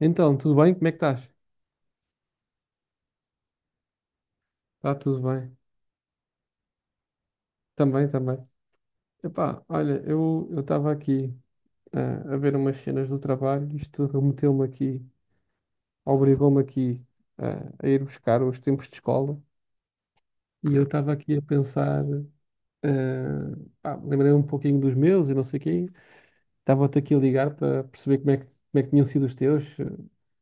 Então, tudo bem? Como é que estás? Está tudo bem. Também, também. Epá, olha, eu estava aqui a ver umas cenas do trabalho, isto remeteu-me aqui, obrigou-me aqui a ir buscar os tempos de escola e eu estava aqui a pensar, ah, pá, lembrei-me um pouquinho dos meus e não sei o quê, estava-te aqui a ligar para perceber como é que tinham sido os teus,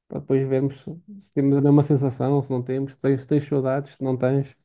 para depois vermos se temos a mesma sensação, se não temos, se tens, se tens saudades, se não tens.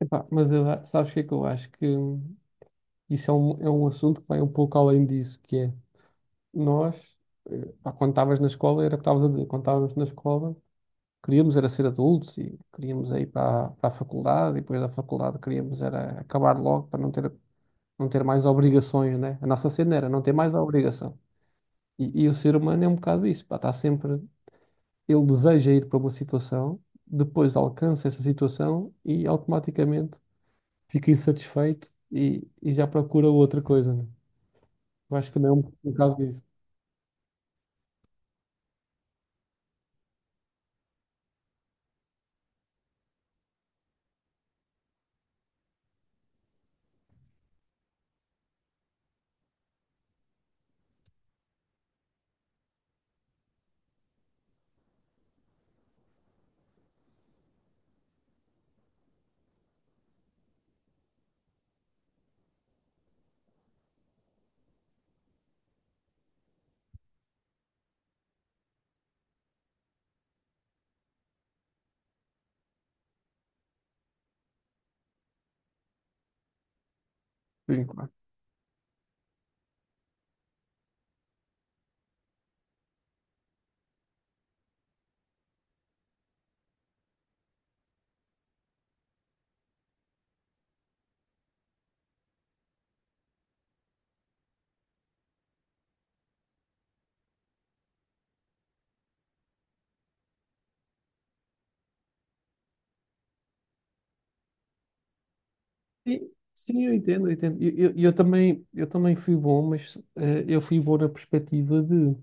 Epá, mas sabes o que é que eu acho que isso é é um assunto que vai um pouco além disso, que é nós, pá, quando estavas na escola, era o que estavas a dizer, quando estávamos na escola, queríamos era ser adultos e queríamos ir para, para a faculdade e depois da faculdade queríamos era acabar logo para não ter, não ter mais obrigações, né? A nossa cena era não ter mais a obrigação. E o ser humano é um bocado isso, pá, está sempre, ele deseja ir para uma situação, depois alcança essa situação e automaticamente fica insatisfeito e já procura outra coisa, né? Eu acho que também é um bocado disso. Por enquanto. Sim, sim, eu entendo, eu entendo. Eu também fui bom, mas eu fui bom na perspectiva de,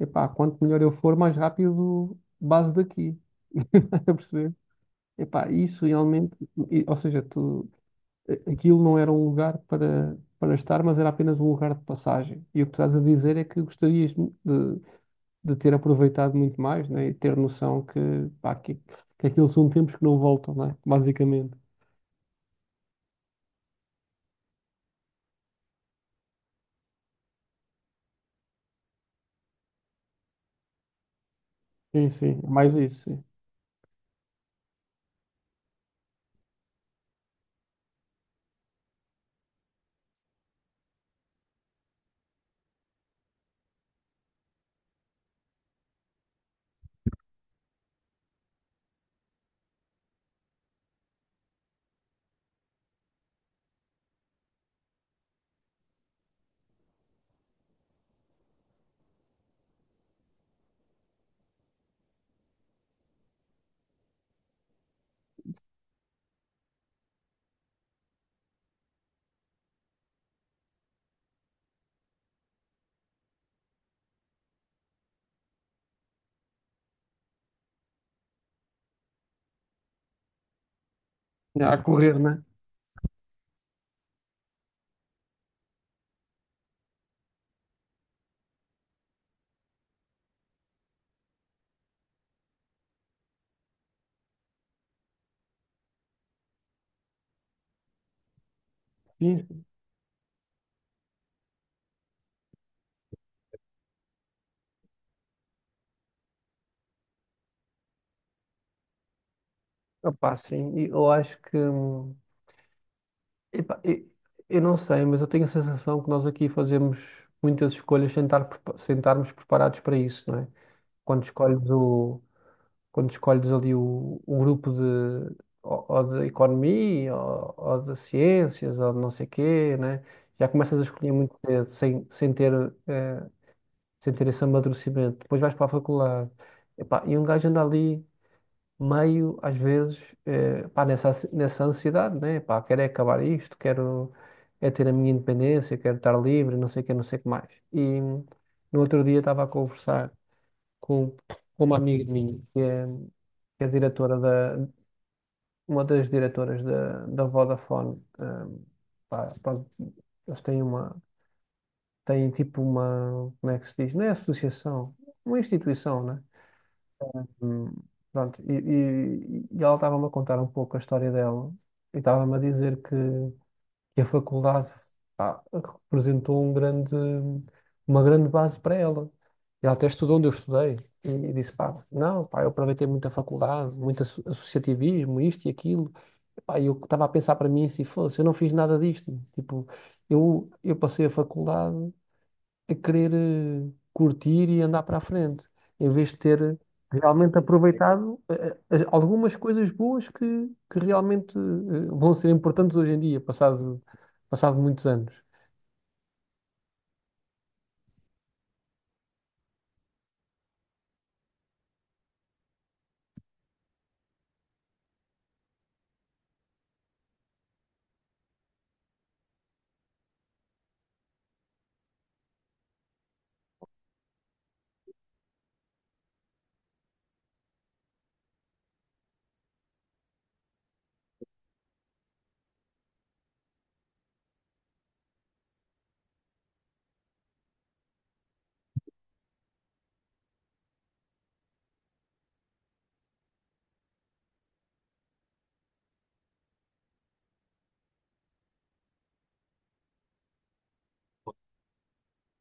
epá, quanto melhor eu for, mais rápido base daqui. Estás a perceber? Epá, isso realmente, ou seja, tu, aquilo não era um lugar para, para estar, mas era apenas um lugar de passagem. E o que estás a dizer é que gostarias de ter aproveitado muito mais, né? E ter noção que, pá, que aquilo são tempos que não voltam, né? Basicamente. Sim, sim, é mais isso, sim. A correr, né? Sim. Opá, sim, e eu acho que. Epá, eu não sei, mas eu tenho a sensação que nós aqui fazemos muitas escolhas sem sem estarmos preparados para isso, não é? Quando escolhes, o, quando escolhes ali o grupo de, ou de economia, ou de ciências, ou de não sei quê, né? Já começas a escolher muito cedo, sem, sem ter, eh, sem ter esse amadurecimento. Depois vais para a faculdade. Epá, e um gajo anda ali meio, às vezes, pá, nessa ansiedade, né? Pá, quero é acabar isto, quero é ter a minha independência, quero estar livre, não sei o que, não sei o que mais. E no outro dia estava a conversar com, com uma amiga minha, que é diretora da, uma das diretoras da, da Vodafone. Pá, pronto, eles têm uma, têm tipo uma, como é que se diz? Não é associação, uma instituição, né? Hum, Pronto, e ela estava-me a contar um pouco a história dela e estava-me a dizer que a faculdade, pá, representou um grande, uma grande base para ela. E ela até estudou onde eu estudei e disse, pá, não, pá, eu aproveitei muito a faculdade, muito associativismo, isto e aquilo. Pá, eu estava a pensar para mim, se fosse, eu não fiz nada disto. Tipo, eu passei a faculdade a querer curtir e andar para a frente, em vez de ter realmente aproveitado algumas coisas boas que realmente vão ser importantes hoje em dia, passado, passado muitos anos.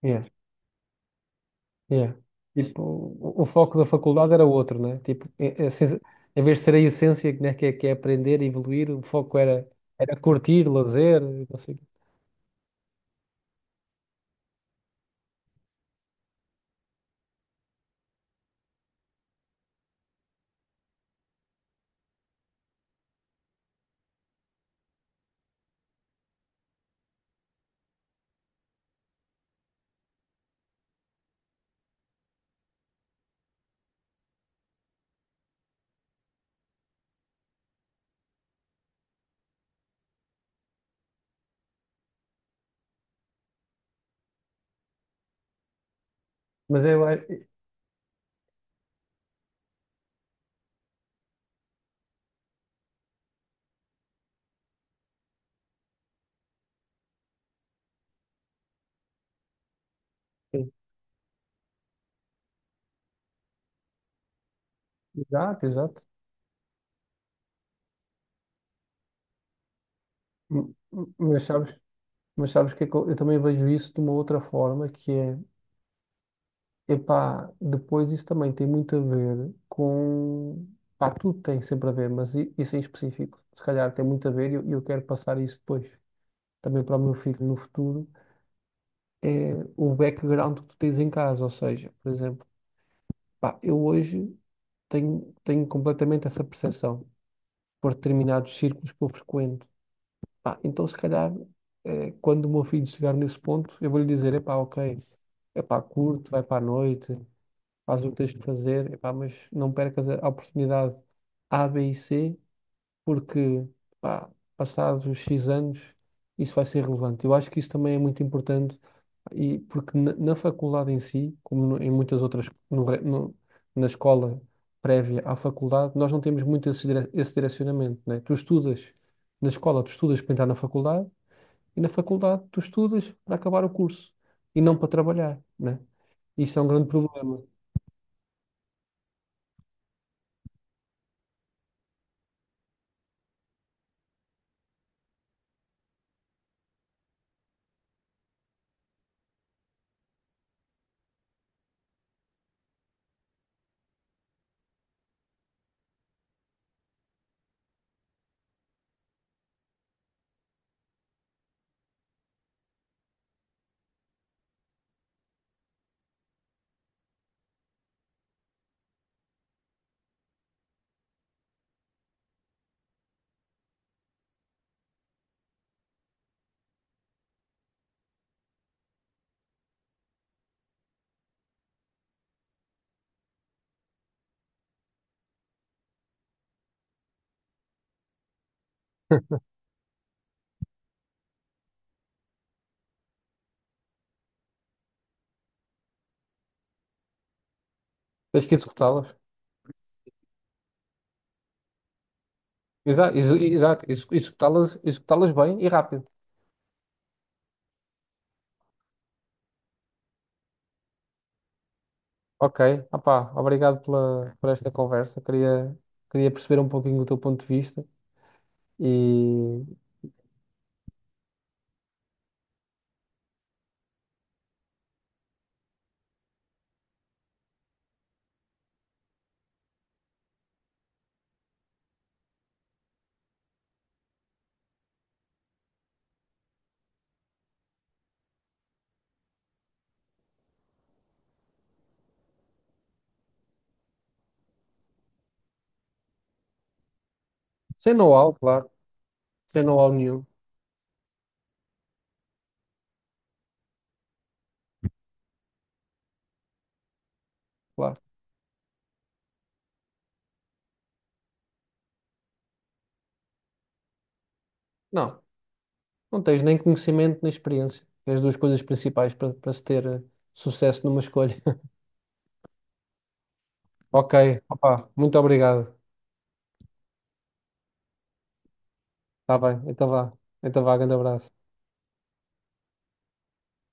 Yeah, yeah. Tipo, o foco da faculdade era outro, né? Tipo, é em vez de ser a essência, né, que é aprender, evoluir, o foco era, era curtir, lazer, não sei o quê. Mas eu acho. Exato, exato. Mas sabes, mas sabes que eu também vejo isso de uma outra forma, que é, epá, depois isso também tem muito a ver com, pá, tudo tem sempre a ver, mas isso em específico, se calhar tem muito a ver e eu quero passar isso depois, também para o meu filho no futuro, é o background que tu tens em casa, ou seja, por exemplo, pá, eu hoje tenho, tenho completamente essa percepção por determinados círculos que eu frequento. Pá, então, se calhar, quando o meu filho chegar nesse ponto, eu vou lhe dizer: epá, ok, epá, curte, vai para a noite, faz o que tens de fazer, epá, mas não percas a oportunidade A, B e C, porque, pá, passados os X anos, isso vai ser relevante. Eu acho que isso também é muito importante, e porque na faculdade em si, como em muitas outras, na escola prévia à faculdade, nós não temos muito esse direcionamento, né? Tu estudas na escola, tu estudas para entrar na faculdade e na faculdade tu estudas para acabar o curso e não para trabalhar, né? Isso é um grande problema. Tens que executá-las. Exato, exato, executá-las, executá-las bem e rápido. Ok, opá, obrigado pela, por esta conversa. Queria, queria perceber um pouquinho o teu ponto de vista e sem know-how, claro, sem know-how nenhum, claro. Não, não tens nem conhecimento nem experiência, que é as duas coisas principais para para se ter sucesso numa escolha. Ok, opá, muito obrigado. Está bem, então vá. Então vá, grande abraço.